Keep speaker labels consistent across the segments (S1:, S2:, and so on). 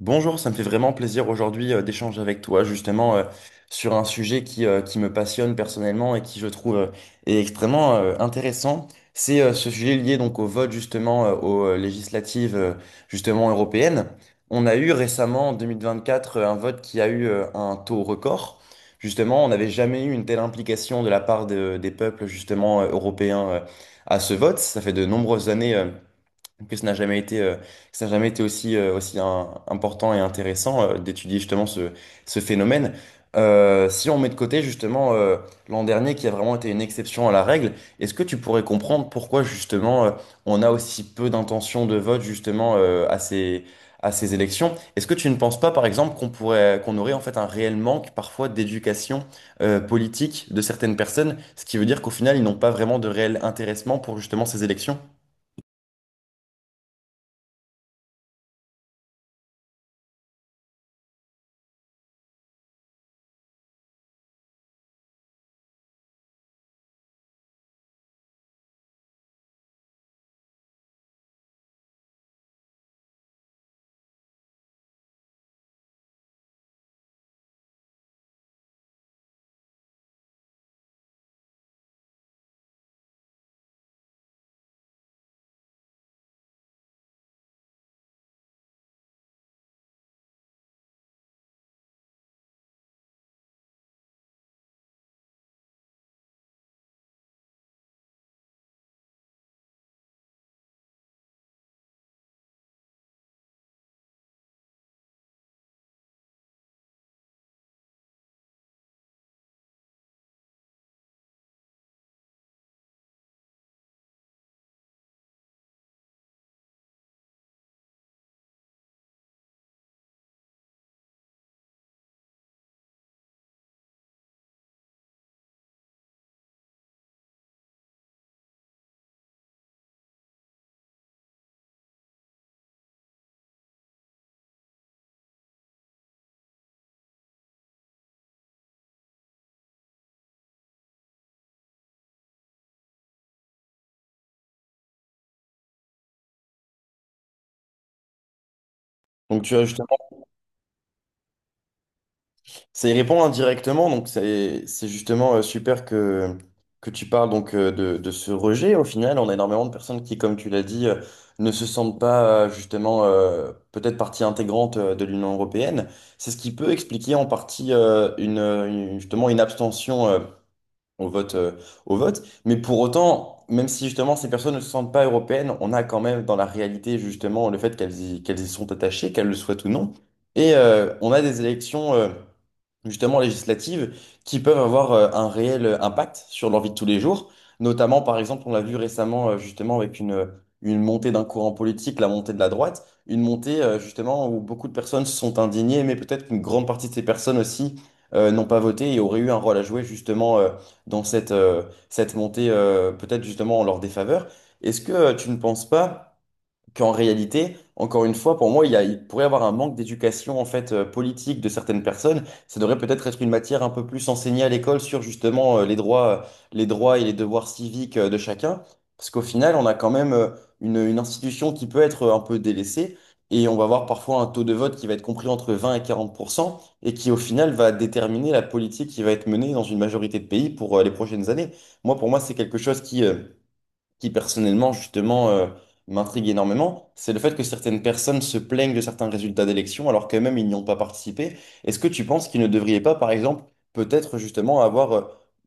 S1: Bonjour, ça me fait vraiment plaisir aujourd'hui d'échanger avec toi justement sur un sujet qui me passionne personnellement et qui je trouve est extrêmement intéressant. C'est ce sujet lié donc au vote justement aux législatives justement européennes. On a eu récemment en 2024 un vote qui a eu un taux record. Justement, on n'avait jamais eu une telle implication de la part des peuples justement européens à ce vote. Ça fait de nombreuses années que ça n'a jamais été aussi important et intéressant d'étudier justement ce phénomène. Si on met de côté justement l'an dernier qui a vraiment été une exception à la règle, est-ce que tu pourrais comprendre pourquoi justement on a aussi peu d'intentions de vote justement à à ces élections? Est-ce que tu ne penses pas par exemple qu'on aurait en fait un réel manque parfois d'éducation politique de certaines personnes, ce qui veut dire qu'au final ils n'ont pas vraiment de réel intéressement pour justement ces élections? Donc tu as. Ça y répond indirectement, donc c'est justement super que tu parles donc de ce rejet. Au final, on a énormément de personnes qui, comme tu l'as dit, ne se sentent pas justement peut-être partie intégrante de l'Union européenne. C'est ce qui peut expliquer en partie justement une abstention au vote euh, au vote. Mais pour autant, même si justement ces personnes ne se sentent pas européennes, on a quand même dans la réalité justement le fait qu'elles y sont attachées, qu'elles le souhaitent ou non. Et on a des élections justement législatives qui peuvent avoir un réel impact sur leur vie de tous les jours. Notamment, par exemple, on l'a vu récemment justement avec une montée d'un courant politique, la montée de la droite, une montée justement où beaucoup de personnes se sont indignées, mais peut-être qu'une grande partie de ces personnes aussi n'ont pas voté et auraient eu un rôle à jouer justement dans cette montée, peut-être justement en leur défaveur. Est-ce que tu ne penses pas qu'en réalité, encore une fois, pour moi, il pourrait y avoir un manque d'éducation en fait politique de certaines personnes. Ça devrait peut-être être une matière un peu plus enseignée à l'école sur justement les droits et les devoirs civiques de chacun. Parce qu'au final, on a quand même une institution qui peut être un peu délaissée et on va avoir parfois un taux de vote qui va être compris entre 20 et 40% et qui au final va déterminer la politique qui va être menée dans une majorité de pays pour les prochaines années. Moi, pour moi, c'est quelque chose qui personnellement justement m'intrigue énormément, c'est le fait que certaines personnes se plaignent de certains résultats d'élections alors qu'elles-mêmes ils n'y ont pas participé. Est-ce que tu penses qu'ils ne devraient pas, par exemple, peut-être justement avoir,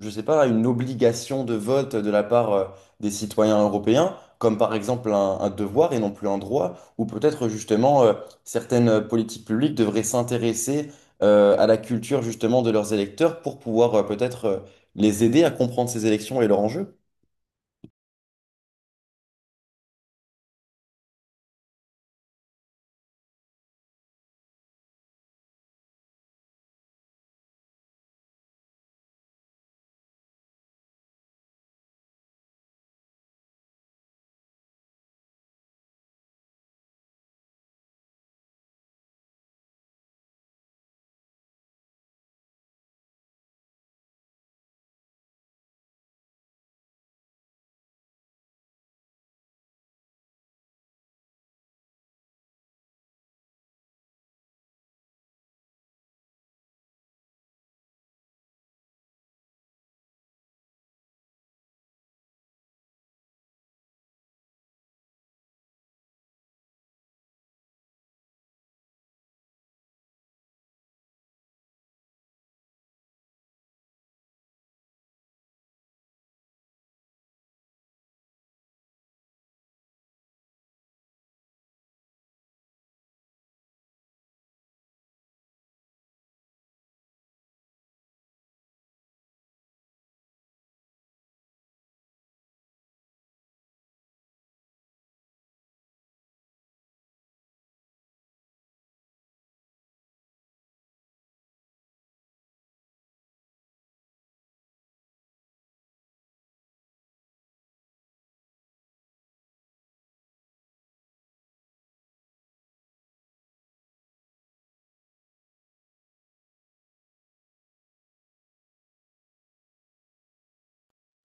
S1: je sais pas, une obligation de vote de la part des citoyens européens, comme par exemple un devoir et non plus un droit, ou peut-être justement certaines politiques publiques devraient s'intéresser à la culture justement de leurs électeurs pour pouvoir peut-être les aider à comprendre ces élections et leurs enjeux?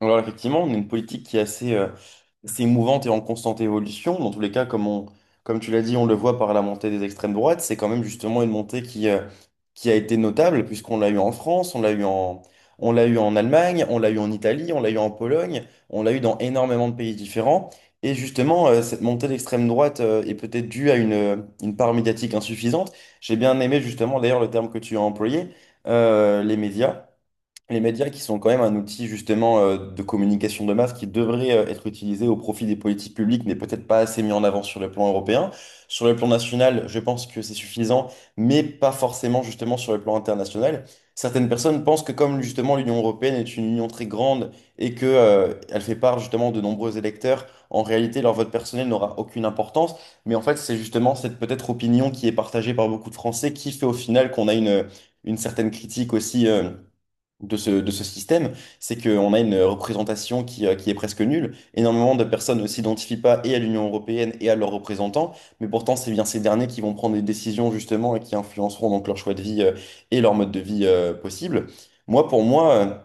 S1: Alors effectivement, on a une politique qui est assez mouvante et en constante évolution. Dans tous les cas, comme tu l'as dit, on le voit par la montée des extrêmes droites. C'est quand même justement une montée qui a été notable puisqu'on l'a eu en France, on l'a eu en Allemagne, on l'a eu en Italie, on l'a eu en Pologne, on l'a eu dans énormément de pays différents. Et justement, cette montée d'extrême droite, est peut-être due à une part médiatique insuffisante. J'ai bien aimé justement d'ailleurs le terme que tu as employé, euh, les médias les médias qui sont quand même un outil justement de communication de masse qui devrait être utilisé au profit des politiques publiques, n'est peut-être pas assez mis en avant sur le plan européen. Sur le plan national, je pense que c'est suffisant, mais pas forcément justement sur le plan international. Certaines personnes pensent que comme justement l'Union européenne est une union très grande et que elle fait part justement de nombreux électeurs, en réalité leur vote personnel n'aura aucune importance. Mais en fait, c'est justement cette peut-être opinion qui est partagée par beaucoup de Français qui fait au final qu'on a une certaine critique aussi, de de ce système, c'est qu'on a une représentation qui est presque nulle. Énormément de personnes ne s'identifient pas et à l'Union européenne et à leurs représentants, mais pourtant c'est bien ces derniers qui vont prendre des décisions justement et qui influenceront donc leur choix de vie et leur mode de vie possible. Moi, pour moi,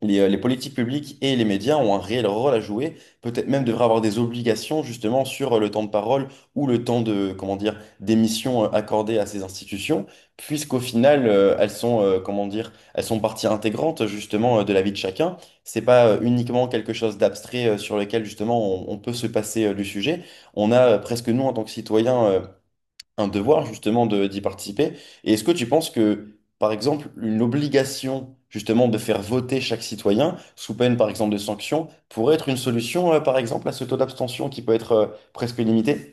S1: les politiques publiques et les médias ont un réel rôle à jouer, peut-être même devraient avoir des obligations justement sur le temps de parole ou le temps de, comment dire, d'émission accordée à ces institutions, puisqu'au final, comment dire, elles sont partie intégrante justement de la vie de chacun. C'est pas uniquement quelque chose d'abstrait sur lequel justement on peut se passer du sujet. On a presque nous en tant que citoyens un devoir justement de d'y participer. Et est-ce que tu penses que, par exemple, une obligation justement de faire voter chaque citoyen, sous peine par exemple de sanctions, pourrait être une solution, par exemple, à ce taux d'abstention qui peut être presque illimité?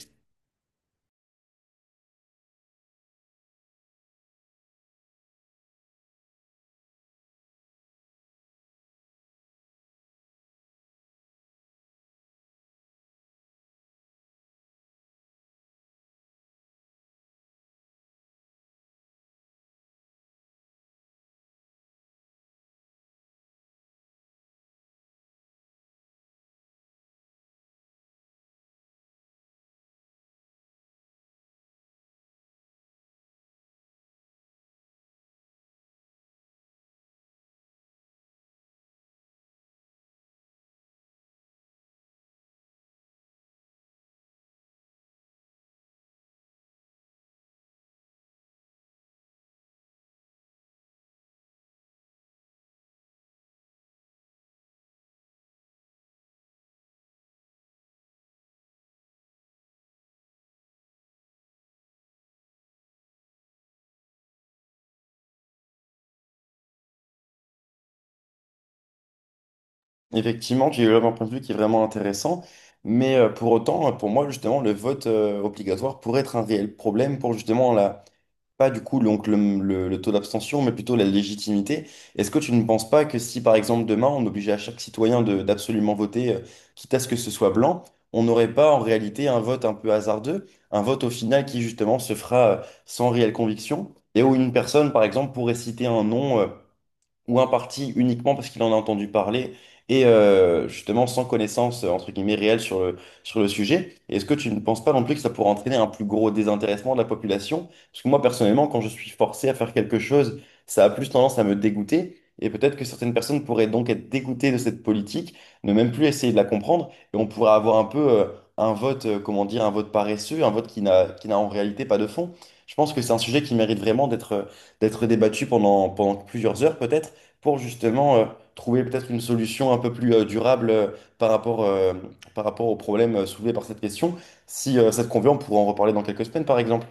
S1: Effectivement, j'ai eu un point de vue qui est vraiment intéressant. Mais pour autant, pour moi, justement, le vote obligatoire pourrait être un réel problème pour justement pas du coup donc le taux d'abstention, mais plutôt la légitimité. Est-ce que tu ne penses pas que si par exemple demain on obligeait à chaque citoyen d'absolument voter, quitte à ce que ce soit blanc, on n'aurait pas en réalité un vote un peu hasardeux, un vote au final qui justement se fera sans réelle conviction, et où une personne par exemple pourrait citer un nom ou un parti uniquement parce qu'il en a entendu parler et justement sans connaissance entre guillemets réelle sur sur le sujet. Et est-ce que tu ne penses pas non plus que ça pourrait entraîner un plus gros désintéressement de la population? Parce que moi personnellement, quand je suis forcé à faire quelque chose, ça a plus tendance à me dégoûter. Et peut-être que certaines personnes pourraient donc être dégoûtées de cette politique, ne même plus essayer de la comprendre, et on pourrait avoir un peu un vote, comment dire, un vote paresseux, un vote qui n'a en réalité pas de fond. Je pense que c'est un sujet qui mérite vraiment d'être débattu pendant plusieurs heures peut-être pour justement trouver peut-être une solution un peu plus durable par rapport, euh, par rapport au problème soulevé par cette question. Si ça te convient, on pourra en reparler dans quelques semaines, par exemple.